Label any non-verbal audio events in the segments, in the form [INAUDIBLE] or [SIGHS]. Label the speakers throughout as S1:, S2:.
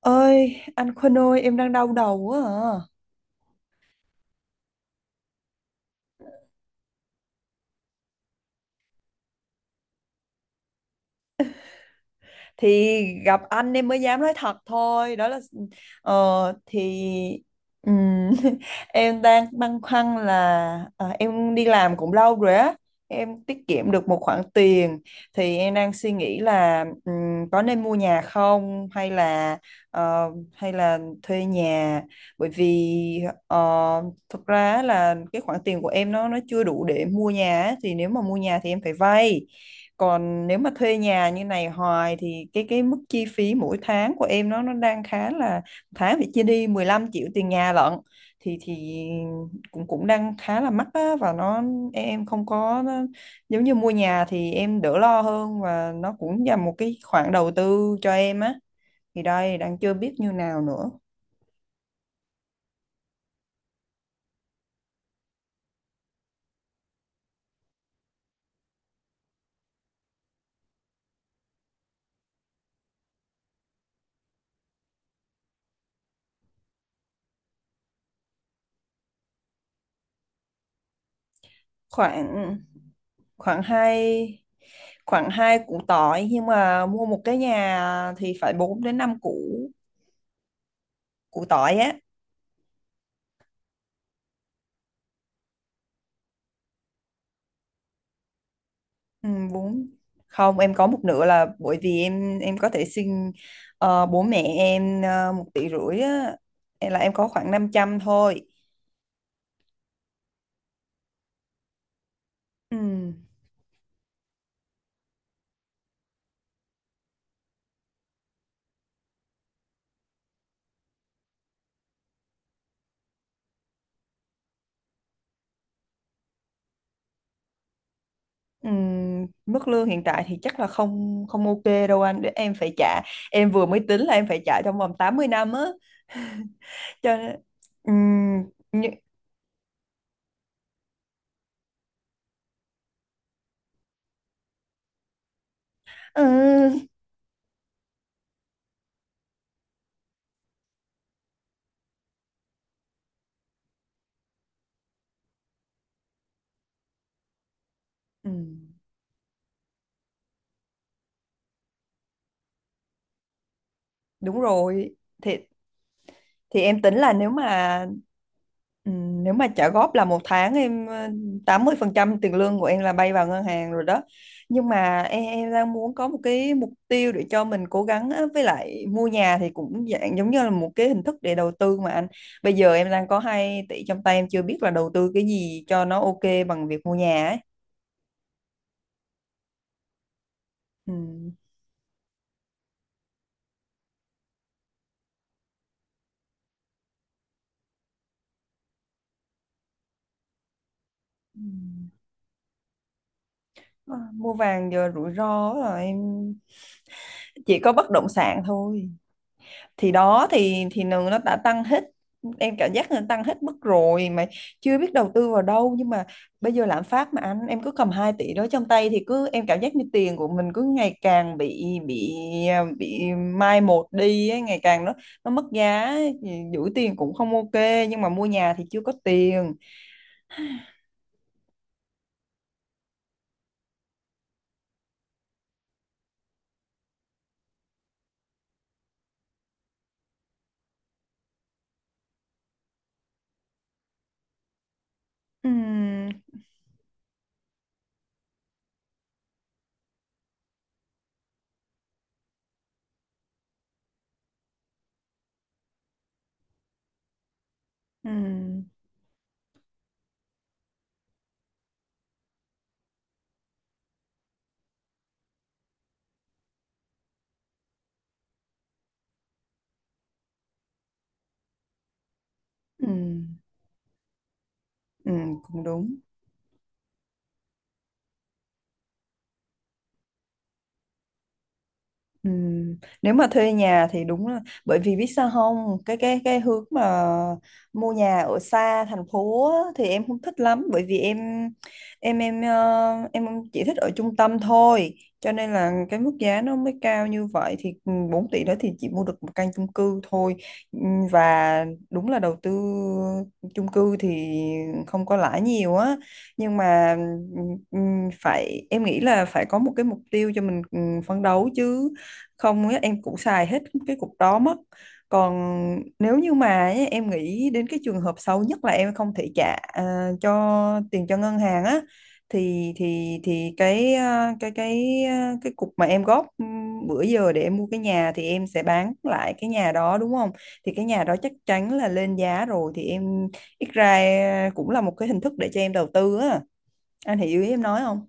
S1: Ơi, anh Quân ơi, em đang đau đầu quá à. Thì gặp anh em mới dám nói thật thôi, đó là ờ, thì ừm, [LAUGHS] em đang băn khoăn là em đi làm cũng lâu rồi á, em tiết kiệm được một khoản tiền, thì em đang suy nghĩ là có nên mua nhà không hay là hay là thuê nhà. Bởi vì thực ra là cái khoản tiền của em nó chưa đủ để mua nhà á, thì nếu mà mua nhà thì em phải vay. Còn nếu mà thuê nhà như này hoài thì cái mức chi phí mỗi tháng của em nó đang khá là, tháng phải chia đi 15 triệu tiền nhà lận. Thì cũng cũng đang khá là mắc á, và nó, em không có nó, giống như mua nhà thì em đỡ lo hơn và nó cũng là một cái khoản đầu tư cho em á. Thì đây đang chưa biết như nào nữa. Khoảng, khoảng hai khoảng hai củ tỏi, nhưng mà mua một cái nhà thì phải 4 đến 5 củ, củ tỏi á. Ừ, bún, không em có một nửa là bởi vì em có thể xin bố mẹ em một tỷ rưỡi á. Em là em có khoảng năm trăm thôi. Ừ. Ừ. Mức lương hiện tại thì chắc là không không ok đâu anh, để em phải trả, em vừa mới tính là em phải trả trong vòng 80 năm á, [LAUGHS] cho nên ừ, như, ừ, ừ, đúng rồi. thì thì em tính là nếu mà trả góp là một tháng em 80% tiền lương của em là bay vào ngân hàng rồi đó. Nhưng mà em đang muốn có một cái mục tiêu để cho mình cố gắng á. Với lại mua nhà thì cũng dạng giống như là một cái hình thức để đầu tư mà anh. Bây giờ em đang có 2 tỷ trong tay, em chưa biết là đầu tư cái gì cho nó ok bằng việc mua nhà ấy. Ừm. Ừm. À, mua vàng giờ rủi ro rồi em, chỉ có bất động sản thôi. Thì đó thì nường nó đã tăng hết, em cảm giác là tăng hết mức rồi mà chưa biết đầu tư vào đâu. Nhưng mà bây giờ lạm phát mà anh, em cứ cầm 2 tỷ đó trong tay thì cứ em cảm giác như tiền của mình cứ ngày càng bị, bị mai một đi ấy, ngày càng nó mất giá. Giữ tiền cũng không ok, nhưng mà mua nhà thì chưa có tiền. Ừm, ừm, ừm, cũng đúng. Ừm. Nếu mà thuê nhà thì đúng là, bởi vì biết sao không, cái hướng mà mua nhà ở xa thành phố á, thì em không thích lắm, bởi vì em, em chỉ thích ở trung tâm thôi, cho nên là cái mức giá nó mới cao như vậy. Thì 4 tỷ đó thì chỉ mua được một căn chung cư thôi. Ừm, và đúng là đầu tư chung cư thì không có lãi nhiều á, nhưng mà phải, em nghĩ là phải có một cái mục tiêu cho mình phấn đấu, chứ không á, em cũng xài hết cái cục đó mất. Còn nếu như mà ấy, em nghĩ đến cái trường hợp xấu nhất là em không thể trả à, cho tiền cho ngân hàng á, thì thì cái à, cái cục mà em góp bữa giờ để em mua cái nhà thì em sẽ bán lại cái nhà đó, đúng không? Thì cái nhà đó chắc chắn là lên giá rồi, thì em ít ra à, cũng là một cái hình thức để cho em đầu tư á. Anh hiểu ý em nói không?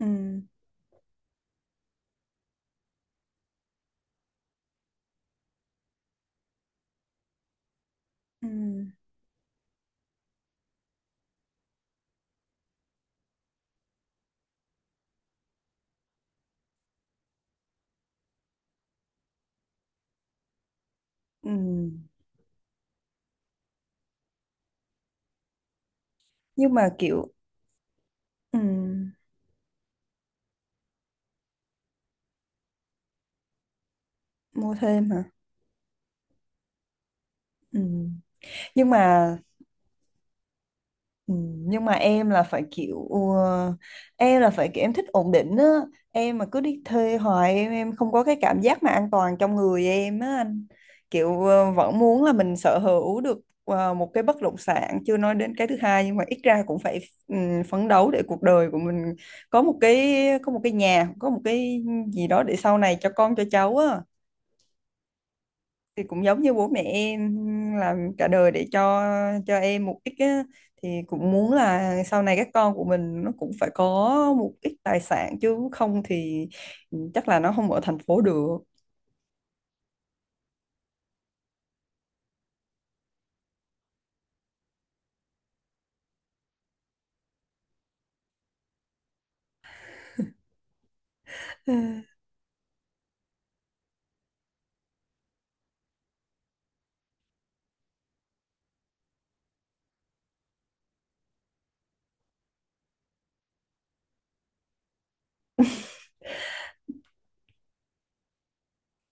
S1: Ừ, ừ, ừ, nhưng mà kiểu ừ, mua thêm hả? Ừ. Nhưng mà ừ, nhưng mà em là phải kiểu ừ, em là phải kiểu em thích ổn định á. Em mà cứ đi thuê hoài, em không có cái cảm giác mà an toàn trong người em á anh, kiểu vẫn muốn là mình sở hữu được một cái bất động sản, chưa nói đến cái thứ hai, nhưng mà ít ra cũng phải ừ, phấn đấu để cuộc đời của mình có một cái, có một cái nhà, có một cái gì đó để sau này cho con cho cháu á. Thì cũng giống như bố mẹ em làm cả đời để cho em một ít á, thì cũng muốn là sau này các con của mình nó cũng phải có một ít tài sản, chứ không thì chắc là nó không ở thành phố được. [LAUGHS] [SIGHS]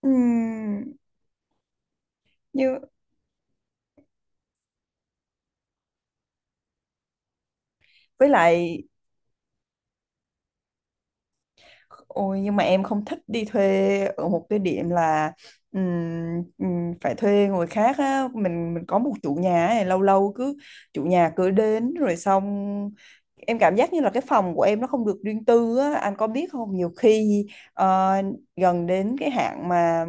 S1: Ừm, như với lại, ôi, nhưng mà em không thích đi thuê ở một cái điểm là ừm, phải thuê người khác á. Mình có một chủ nhà này, lâu lâu cứ, chủ nhà cứ đến rồi xong, em cảm giác như là cái phòng của em nó không được riêng tư á. Anh có biết không, nhiều khi ờ, gần đến cái hạn mà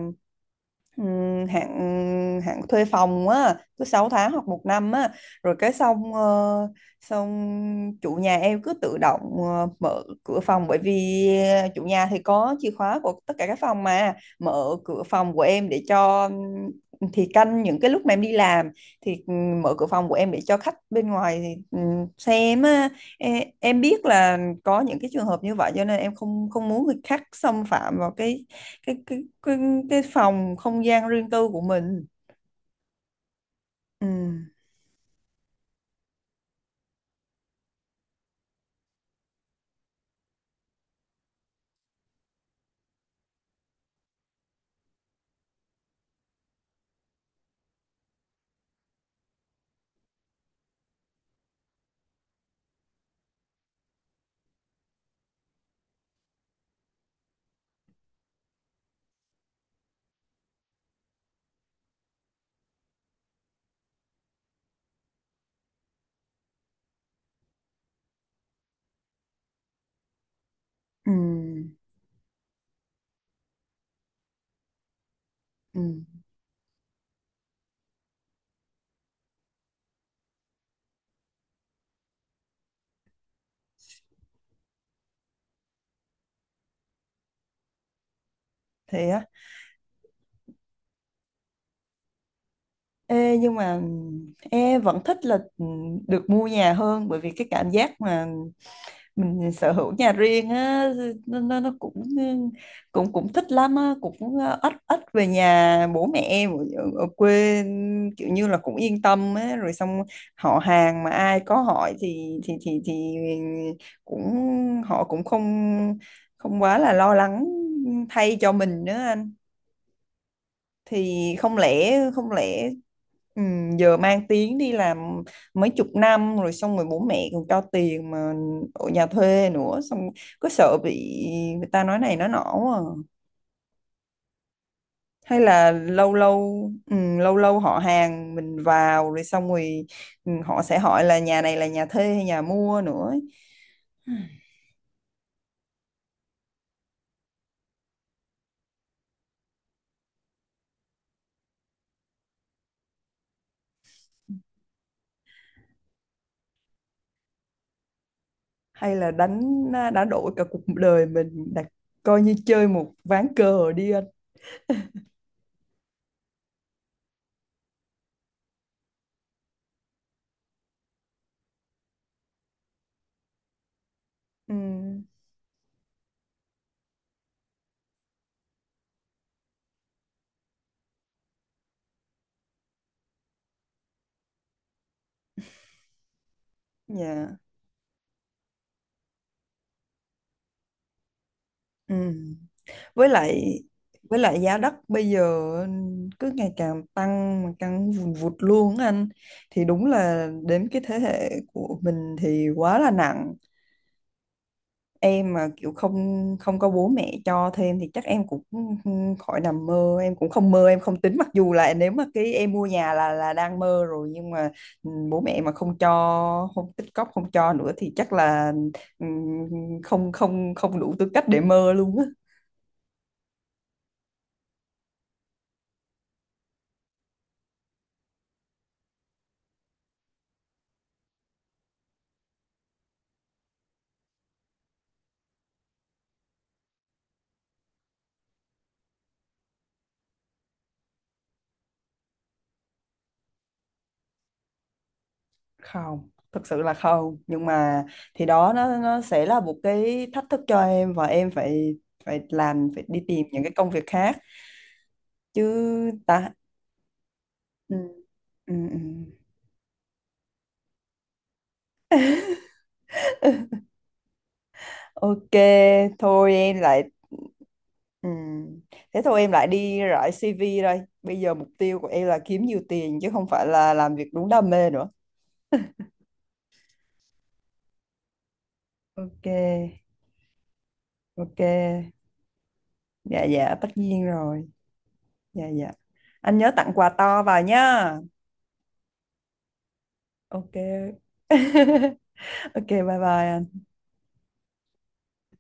S1: hạn hạn thuê phòng á, cứ 6 tháng hoặc một năm á, rồi cái xong xong chủ nhà em cứ tự động mở cửa phòng, bởi vì chủ nhà thì có chìa khóa của tất cả các phòng mà, mở cửa phòng của em để cho thì canh những cái lúc mà em đi làm, thì mở cửa phòng của em để cho khách bên ngoài thì, xem á. Em biết là có những cái trường hợp như vậy, cho nên em không không muốn người khác xâm phạm vào cái, cái cái cái, cái phòng không gian riêng tư của mình. Ừ, ừ, ừ, thế á? Ê, nhưng mà em vẫn thích là được mua nhà hơn, bởi vì cái cảm giác mà mình sở hữu nhà riêng á, nó cũng, cũng thích lắm á, cũng ít ít về nhà bố mẹ em ở, ở quê, kiểu như là cũng yên tâm á, rồi xong họ hàng mà ai có hỏi thì thì cũng, họ cũng không không quá là lo lắng thay cho mình nữa anh. Thì không lẽ giờ mang tiếng đi làm mấy chục năm rồi, xong rồi bố mẹ còn cho tiền mà ở nhà thuê nữa, xong có sợ bị người ta nói này nói nọ không à? Hay là lâu lâu, lâu lâu họ hàng mình vào rồi xong rồi họ sẽ hỏi là nhà này là nhà thuê hay nhà mua nữa ấy. Hay là đánh đã đổi cả cuộc đời mình đặt, coi như chơi một ván cờ đi anh. Ừ, dạ, ừ, với lại, với lại giá đất bây giờ cứ ngày càng tăng mà, tăng vùn vụt luôn á anh, thì đúng là đến cái thế hệ của mình thì quá là nặng. Em mà kiểu không không có bố mẹ cho thêm thì chắc em cũng khỏi nằm mơ, em cũng không mơ em không tính, mặc dù là nếu mà cái em mua nhà là đang mơ rồi, nhưng mà bố mẹ mà không cho, không tích cóp không cho nữa thì chắc là ừ, không không không đủ tư cách để mơ luôn á. Không, thực sự là không, nhưng mà thì đó nó sẽ là một cái thách thức cho em, và em phải, phải làm, phải đi tìm những cái công việc khác chứ ta. ừ, ừ. Ok, thôi em lại, ừ. Thế thôi em lại đi rải CV đây, bây giờ mục tiêu của em là kiếm nhiều tiền chứ không phải là làm việc đúng đam mê nữa. Ok, ok, dạ dạ, tất nhiên rồi, dạ dạ, anh nhớ tặng quà to vào nhá. Ok, [LAUGHS] ok, bye bye anh.